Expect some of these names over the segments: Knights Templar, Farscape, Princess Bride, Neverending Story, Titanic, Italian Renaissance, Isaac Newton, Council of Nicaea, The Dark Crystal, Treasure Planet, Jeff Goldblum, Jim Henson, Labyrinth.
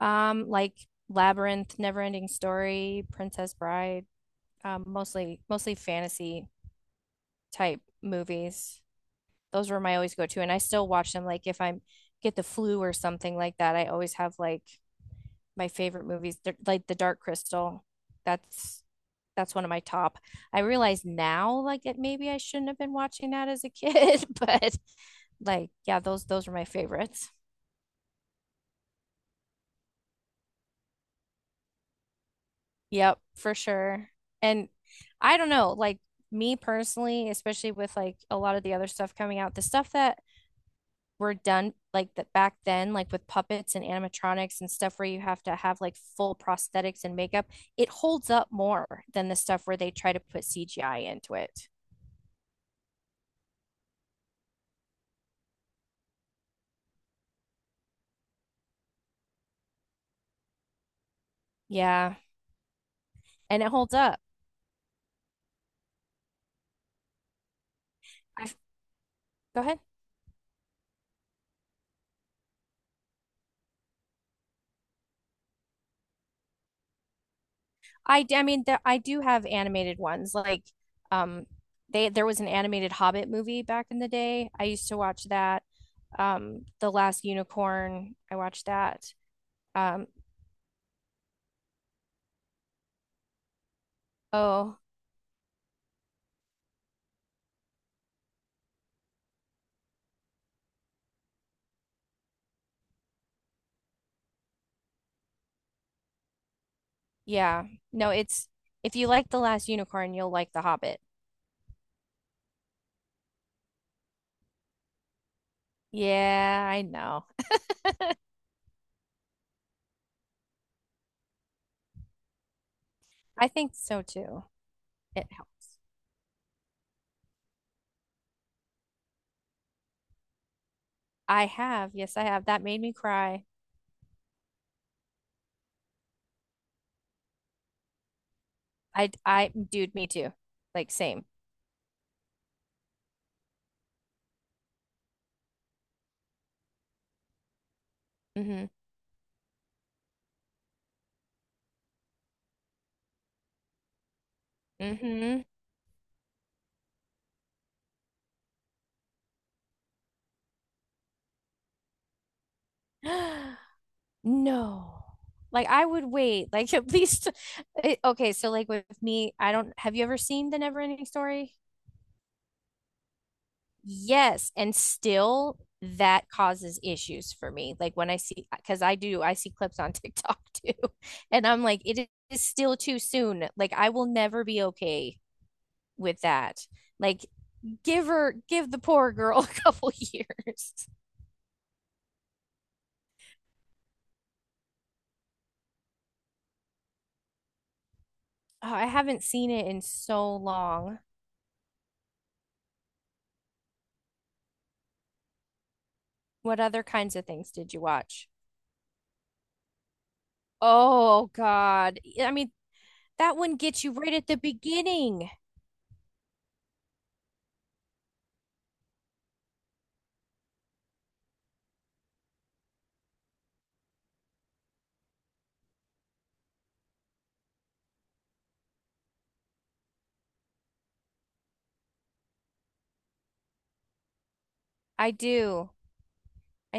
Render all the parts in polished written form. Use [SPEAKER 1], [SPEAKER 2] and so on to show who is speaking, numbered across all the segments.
[SPEAKER 1] Like Labyrinth, Neverending Story, Princess Bride, mostly fantasy type movies. Those were my always go-to, and I still watch them. Like if I get the flu or something like that, I always have like my favorite movies. Like The Dark Crystal. That's that's one of my top. I realize now, like it maybe I shouldn't have been watching that as a kid, but like yeah, those were my favorites. Yep, for sure. And I don't know, like me personally, especially with like a lot of the other stuff coming out, the stuff that were done like that back then, like with puppets and animatronics and stuff where you have to have like full prosthetics and makeup, it holds up more than the stuff where they try to put CGI into it. Yeah, and it holds up. I go ahead. I mean, there, I do have animated ones like um they there was an animated Hobbit movie back in the day. I used to watch that. The Last Unicorn. I watched that. Um, oh yeah. No, it's if you like The Last Unicorn, you'll like The Hobbit. Yeah, I know. I think so too. It helps. I have, yes, I have. That made me cry. I dude, me too. Like same. Mm-hmm. Mm-hmm. No. Like I would wait. Like at least okay, so like with me, I don't have you ever seen The Never Ending Story? Yes, and still that causes issues for me. Like when I see, because I do, I see clips on TikTok too, and I'm like, it is still too soon. Like I will never be okay with that. Like give her, give the poor girl a couple years. Oh, I haven't seen it in so long. What other kinds of things did you watch? Oh God. I mean, that one gets you right at the beginning. I do. I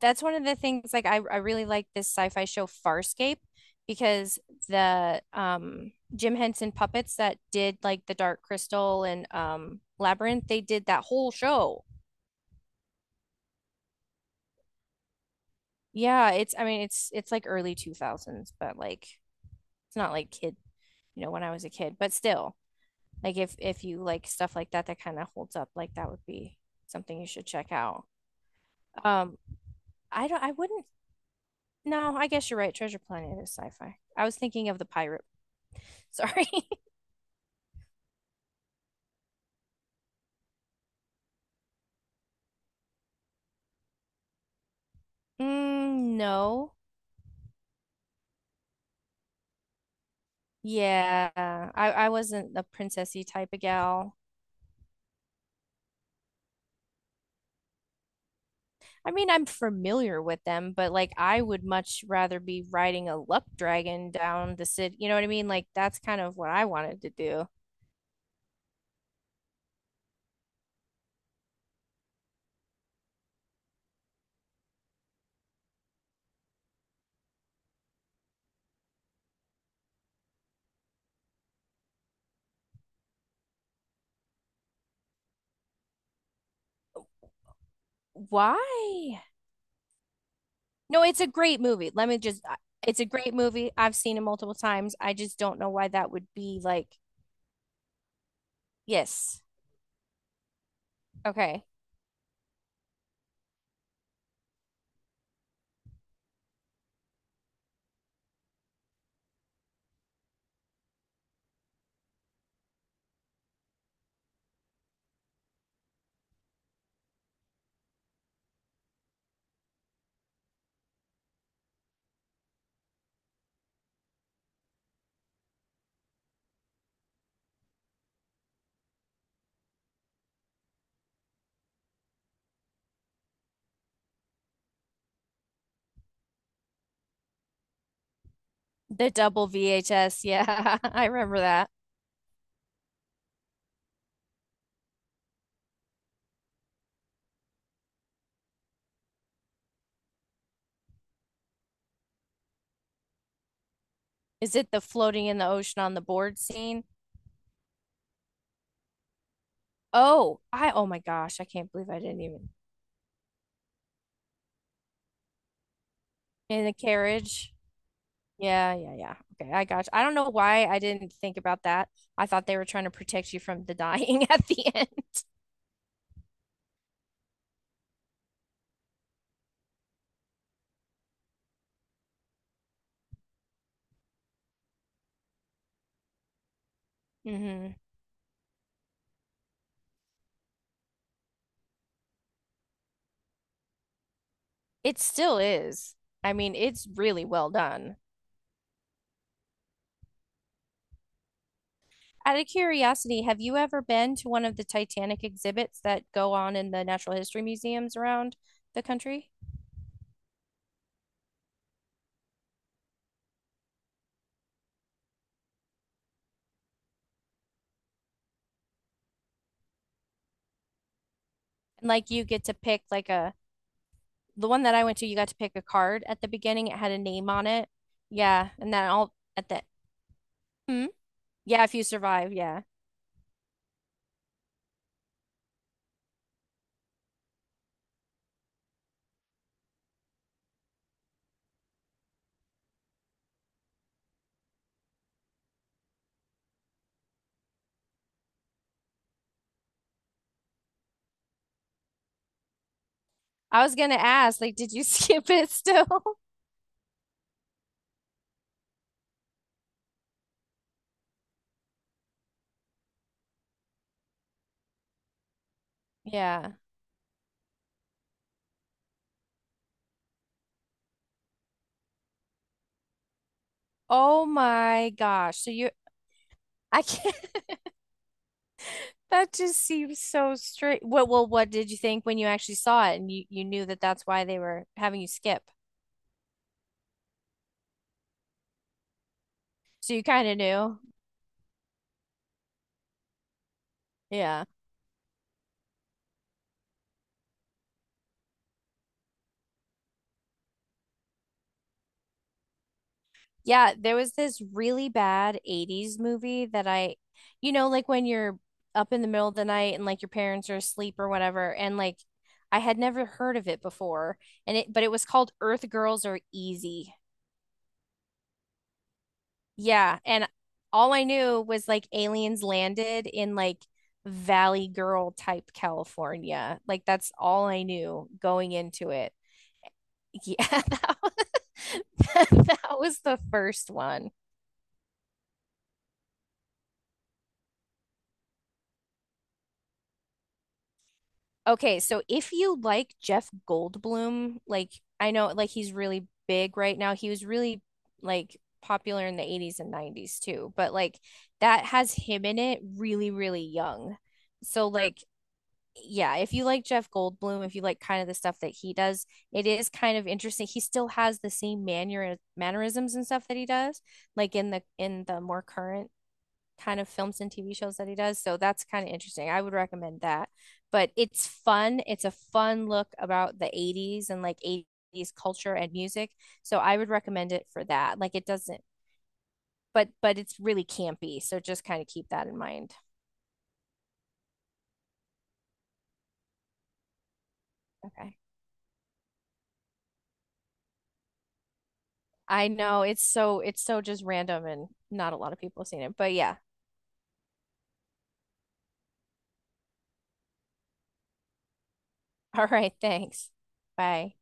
[SPEAKER 1] That's one of the things like I really like this sci-fi show Farscape because the Jim Henson puppets that did like the Dark Crystal and Labyrinth, they did that whole show. Yeah, it's I mean it's like early 2000s, but like it's not like kid, you know, when I was a kid, but still like if you like stuff like that that kind of holds up, like that would be something you should check out. Um I don't I wouldn't no, I guess you're right. Treasure Planet is sci-fi. I was thinking of the pirate. Sorry. Mm, no. Yeah. I wasn't a princessy type of gal. I mean, I'm familiar with them, but like I would much rather be riding a luck dragon down the city. You know what I mean? Like that's kind of what I wanted to do. Why? No, it's a great movie. Let me just, I- It's a great movie. I've seen it multiple times. I just don't know why that would be like, yes. Okay. The double VHS. Yeah, I remember that. Is it the floating in the ocean on the board? Oh, oh my gosh, I can't believe I didn't even in the carriage. Yeah, yeah, yeah. Okay, I got you. I don't know why I didn't think about that. I thought they were trying to protect you from the dying at the end. Hmm. It still is. I mean, it's really well done. Out of curiosity, have you ever been to one of the Titanic exhibits that go on in the natural history museums around the country? Like you get to pick like a, the one that I went to, you got to pick a card at the beginning. It had a name on it. Yeah, and then all at the. Hmm? Yeah, if you survive, yeah. I was gonna ask, like, did you skip it still? Yeah. Oh my gosh. So you, I can't, that just seems so straight. What, well, what did you think when you actually saw it and you knew that that's why they were having you skip? So you kind of knew. Yeah. Yeah, there was this really bad 80s movie that you know, like when you're up in the middle of the night and like your parents are asleep or whatever, and like I had never heard of it before. And it, but it was called Earth Girls Are Easy. Yeah. And all I knew was like aliens landed in like Valley Girl type California. Like that's all I knew going into it. Yeah, that was, that was the first one. Okay, so if you like Jeff Goldblum, like I know like he's really big right now. He was really like popular in the 80s and 90s too, but like that has him in it really, really young. So like yeah, if you like Jeff Goldblum, if you like kind of the stuff that he does, it is kind of interesting. He still has the same mannerisms and stuff that he does, like in the more current kind of films and TV shows that he does. So that's kind of interesting. I would recommend that. But it's fun. It's a fun look about the 80s and like 80s culture and music. So I would recommend it for that. Like it doesn't, but it's really campy. So just kind of keep that in mind. Okay. I know it's so just random and not a lot of people have seen it. But yeah. All right, thanks. Bye.